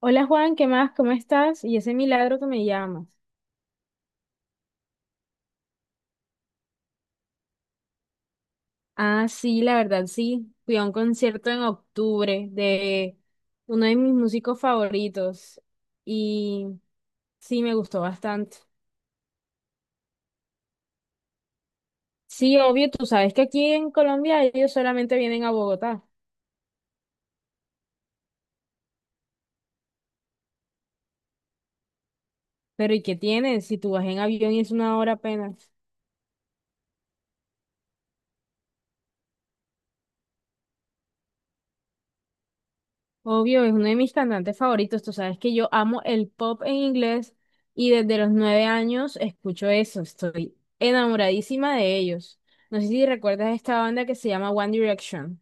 Hola Juan, ¿qué más? ¿Cómo estás? Y ese milagro que me llamas. Ah, sí, la verdad, sí. Fui a un concierto en octubre de uno de mis músicos favoritos y sí, me gustó bastante. Sí, obvio, tú sabes que aquí en Colombia ellos solamente vienen a Bogotá, pero ¿y qué tienen si tú vas en avión y es una hora apenas? Obvio, es uno de mis cantantes favoritos. Tú sabes que yo amo el pop en inglés y desde los 9 años escucho eso. Estoy enamoradísima de ellos. No sé si recuerdas esta banda que se llama One Direction.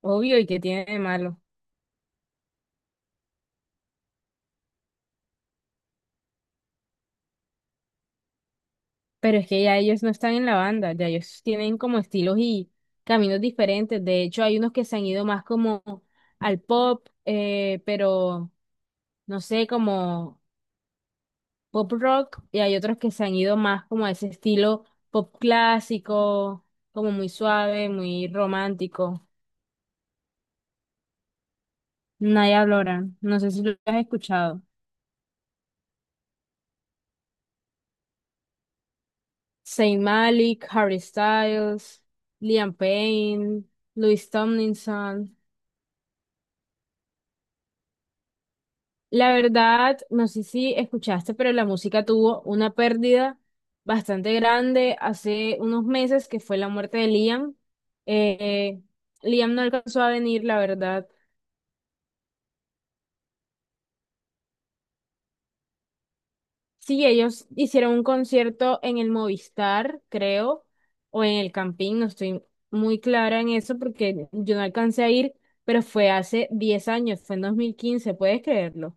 Obvio, ¿y que tiene de malo? Pero es que ya ellos no están en la banda, ya ellos tienen como estilos y caminos diferentes. De hecho, hay unos que se han ido más como al pop, pero no sé, como pop rock y hay otros que se han ido más como a ese estilo pop clásico, como muy suave, muy romántico. Naya Blora, no sé si lo has escuchado. Zayn Malik, Harry Styles, Liam Payne, Louis Tomlinson. La verdad, no sé si escuchaste, pero la música tuvo una pérdida bastante grande hace unos meses, que fue la muerte de Liam. Eh, Liam no alcanzó a venir, la verdad. Sí, ellos hicieron un concierto en el Movistar, creo, o en el Campín, no estoy muy clara en eso porque yo no alcancé a ir, pero fue hace 10 años, fue en 2015, ¿puedes creerlo?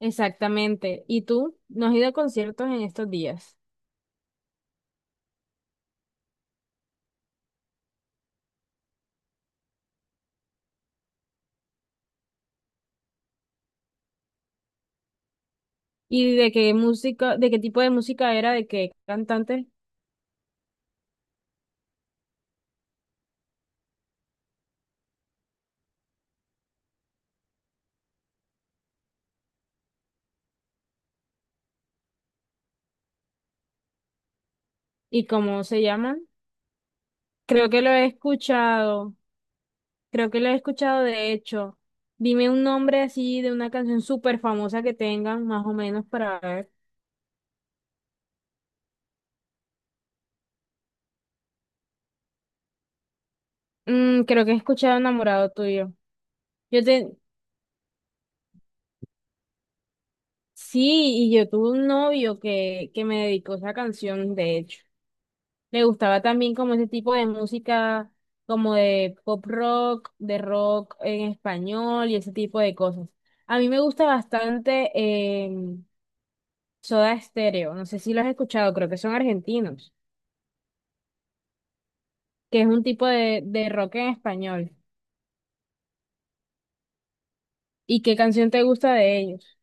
Exactamente. ¿Y tú? ¿No has ido a conciertos en estos días? ¿Y de qué música, de qué tipo de música era, de qué cantante y cómo se llaman? Creo que lo he escuchado. Creo que lo he escuchado de hecho. Dime un nombre así de una canción súper famosa que tengan, más o menos, para ver. Mm, creo que he escuchado Enamorado tuyo. Yo te... Sí, y yo tuve un novio que me dedicó esa canción, de hecho. Le gustaba también como ese tipo de música, como de pop rock, de rock en español y ese tipo de cosas. A mí me gusta bastante Soda Stereo. No sé si lo has escuchado, creo que son argentinos. Que es un tipo de rock en español. ¿Y qué canción te gusta de ellos?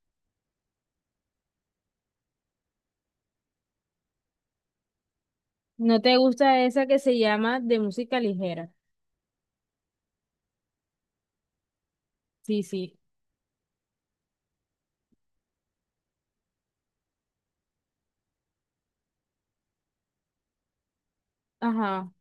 ¿No te gusta esa que se llama de música ligera? Sí, sí. Ajá.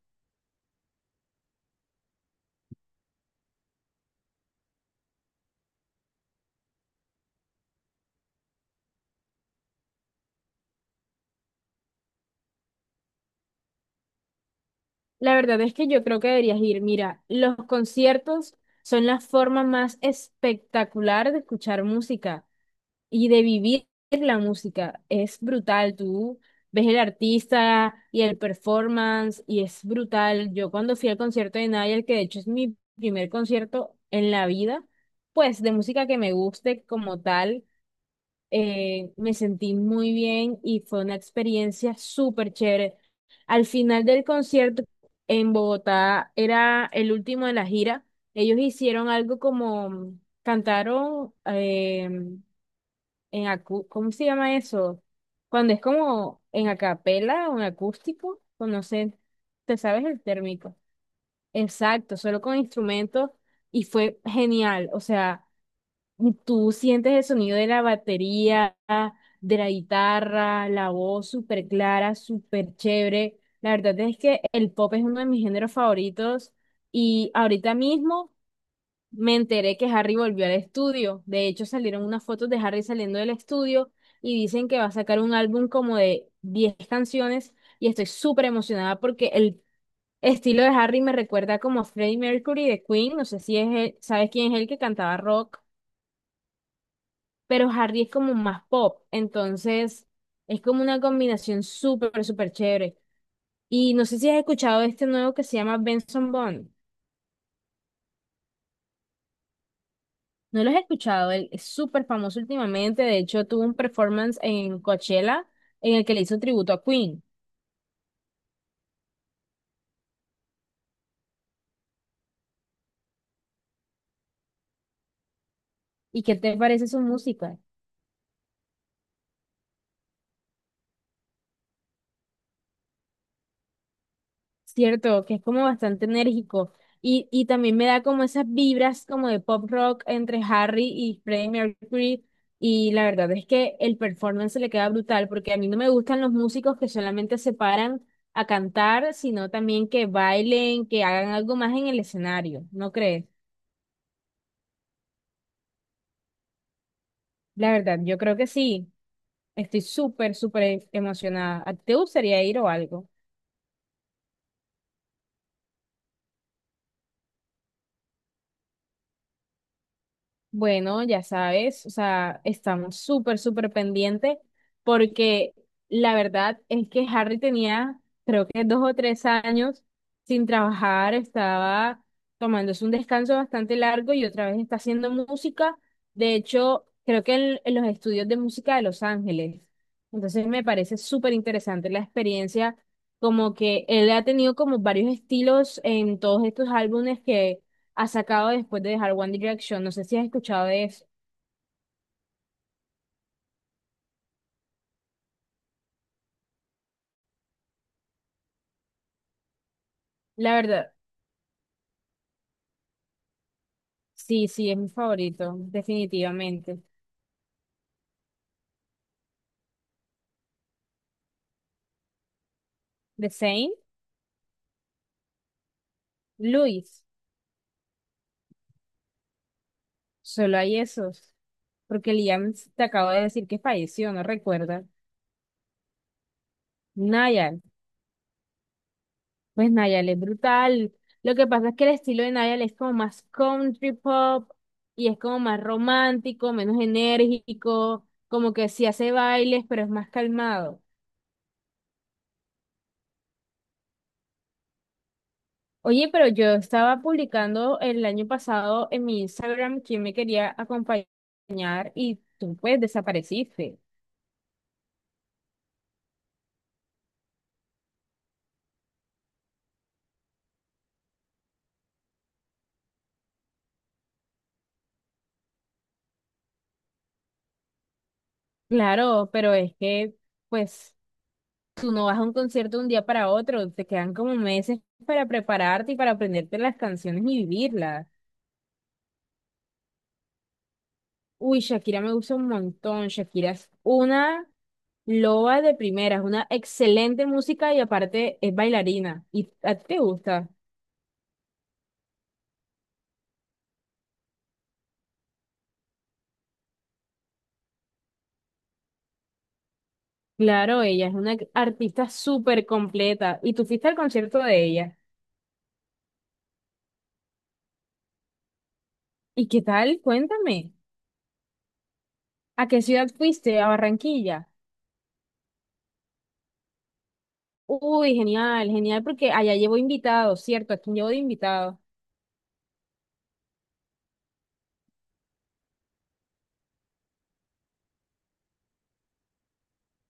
La verdad es que yo creo que deberías ir. Mira, los conciertos son la forma más espectacular de escuchar música y de vivir la música. Es brutal, tú ves el artista y el performance y es brutal. Yo cuando fui al concierto de Nayel, que de hecho es mi primer concierto en la vida, pues de música que me guste como tal, me sentí muy bien y fue una experiencia súper chévere. Al final del concierto en Bogotá, era el último de la gira, ellos hicieron algo como... Cantaron, ¿cómo se llama eso? Cuando es como en acapela o en acústico, pues no sé, te sabes el térmico. Exacto, solo con instrumentos y fue genial. O sea, tú sientes el sonido de la batería, de la guitarra, la voz súper clara, súper chévere. La verdad es que el pop es uno de mis géneros favoritos y ahorita mismo me enteré que Harry volvió al estudio. De hecho, salieron unas fotos de Harry saliendo del estudio y dicen que va a sacar un álbum como de 10 canciones y estoy súper emocionada porque el estilo de Harry me recuerda como a Freddie Mercury de Queen. No sé si es sabes quién es el que cantaba rock, pero Harry es como más pop. Entonces, es como una combinación súper, súper chévere. Y no sé si has escuchado de este nuevo que se llama Benson Bond. No lo he escuchado, él es súper famoso últimamente, de hecho tuvo un performance en Coachella en el que le hizo un tributo a Queen. ¿Y qué te parece su música? Cierto, que es como bastante enérgico y también me da como esas vibras como de pop rock entre Harry y Freddie Mercury y la verdad es que el performance le queda brutal porque a mí no me gustan los músicos que solamente se paran a cantar, sino también que bailen, que hagan algo más en el escenario, ¿no crees? La verdad, yo creo que sí. Estoy súper, súper emocionada. ¿Te gustaría ir o algo? Bueno, ya sabes, o sea, estamos súper, súper pendientes porque la verdad es que Harry tenía, creo que dos o tres años sin trabajar, estaba tomándose un descanso bastante largo y otra vez está haciendo música. De hecho, creo que en los estudios de música de Los Ángeles. Entonces me parece súper interesante la experiencia, como que él ha tenido como varios estilos en todos estos álbumes ha sacado después de dejar One Direction. No sé si has escuchado de eso. La verdad, sí, sí, es mi favorito, definitivamente. The Saint, Louis, solo hay esos. Porque Liam te acabo de decir que falleció, ¿no recuerdas? Niall, pues Niall es brutal. Lo que pasa es que el estilo de Niall es como más country pop y es como más romántico, menos enérgico, como que sí hace bailes, pero es más calmado. Oye, pero yo estaba publicando el año pasado en mi Instagram quién me quería acompañar y tú pues desapareciste. Claro, pero es que pues tú no vas a un concierto de un día para otro, te quedan como meses para prepararte y para aprenderte las canciones y vivirlas. Uy, Shakira me gusta un montón, Shakira es una loba de primeras, una excelente música y aparte es bailarina. ¿Y a ti te gusta? Claro, ella es una artista súper completa. ¿Y tú fuiste al concierto de ella? ¿Y qué tal? Cuéntame. ¿A qué ciudad fuiste? ¿A Barranquilla? Uy, genial, genial, porque allá llevo invitados, ¿cierto? ¿A quién llevo de invitado?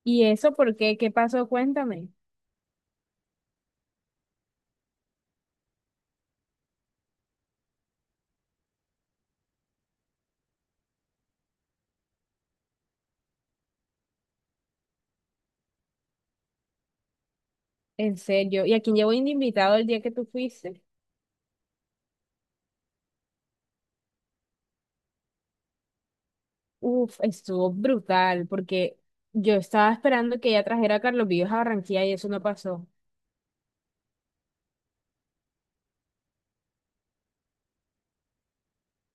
¿Y eso por qué? ¿Qué pasó? Cuéntame. En serio. ¿Y a quién llevo de invitado el día que tú fuiste? Uf, estuvo brutal, porque yo estaba esperando que ella trajera a Carlos Vives a Barranquilla y eso no pasó.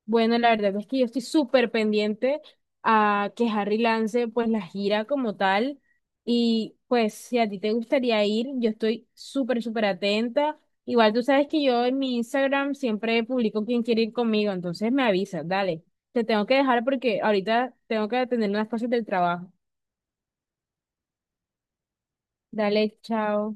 Bueno, la verdad es que yo estoy súper pendiente a que Harry lance pues la gira como tal y pues si a ti te gustaría ir, yo estoy súper, súper atenta. Igual tú sabes que yo en mi Instagram siempre publico quién quiere ir conmigo, entonces me avisas, dale. Te tengo que dejar porque ahorita tengo que atender unas cosas del trabajo. Dale, chao.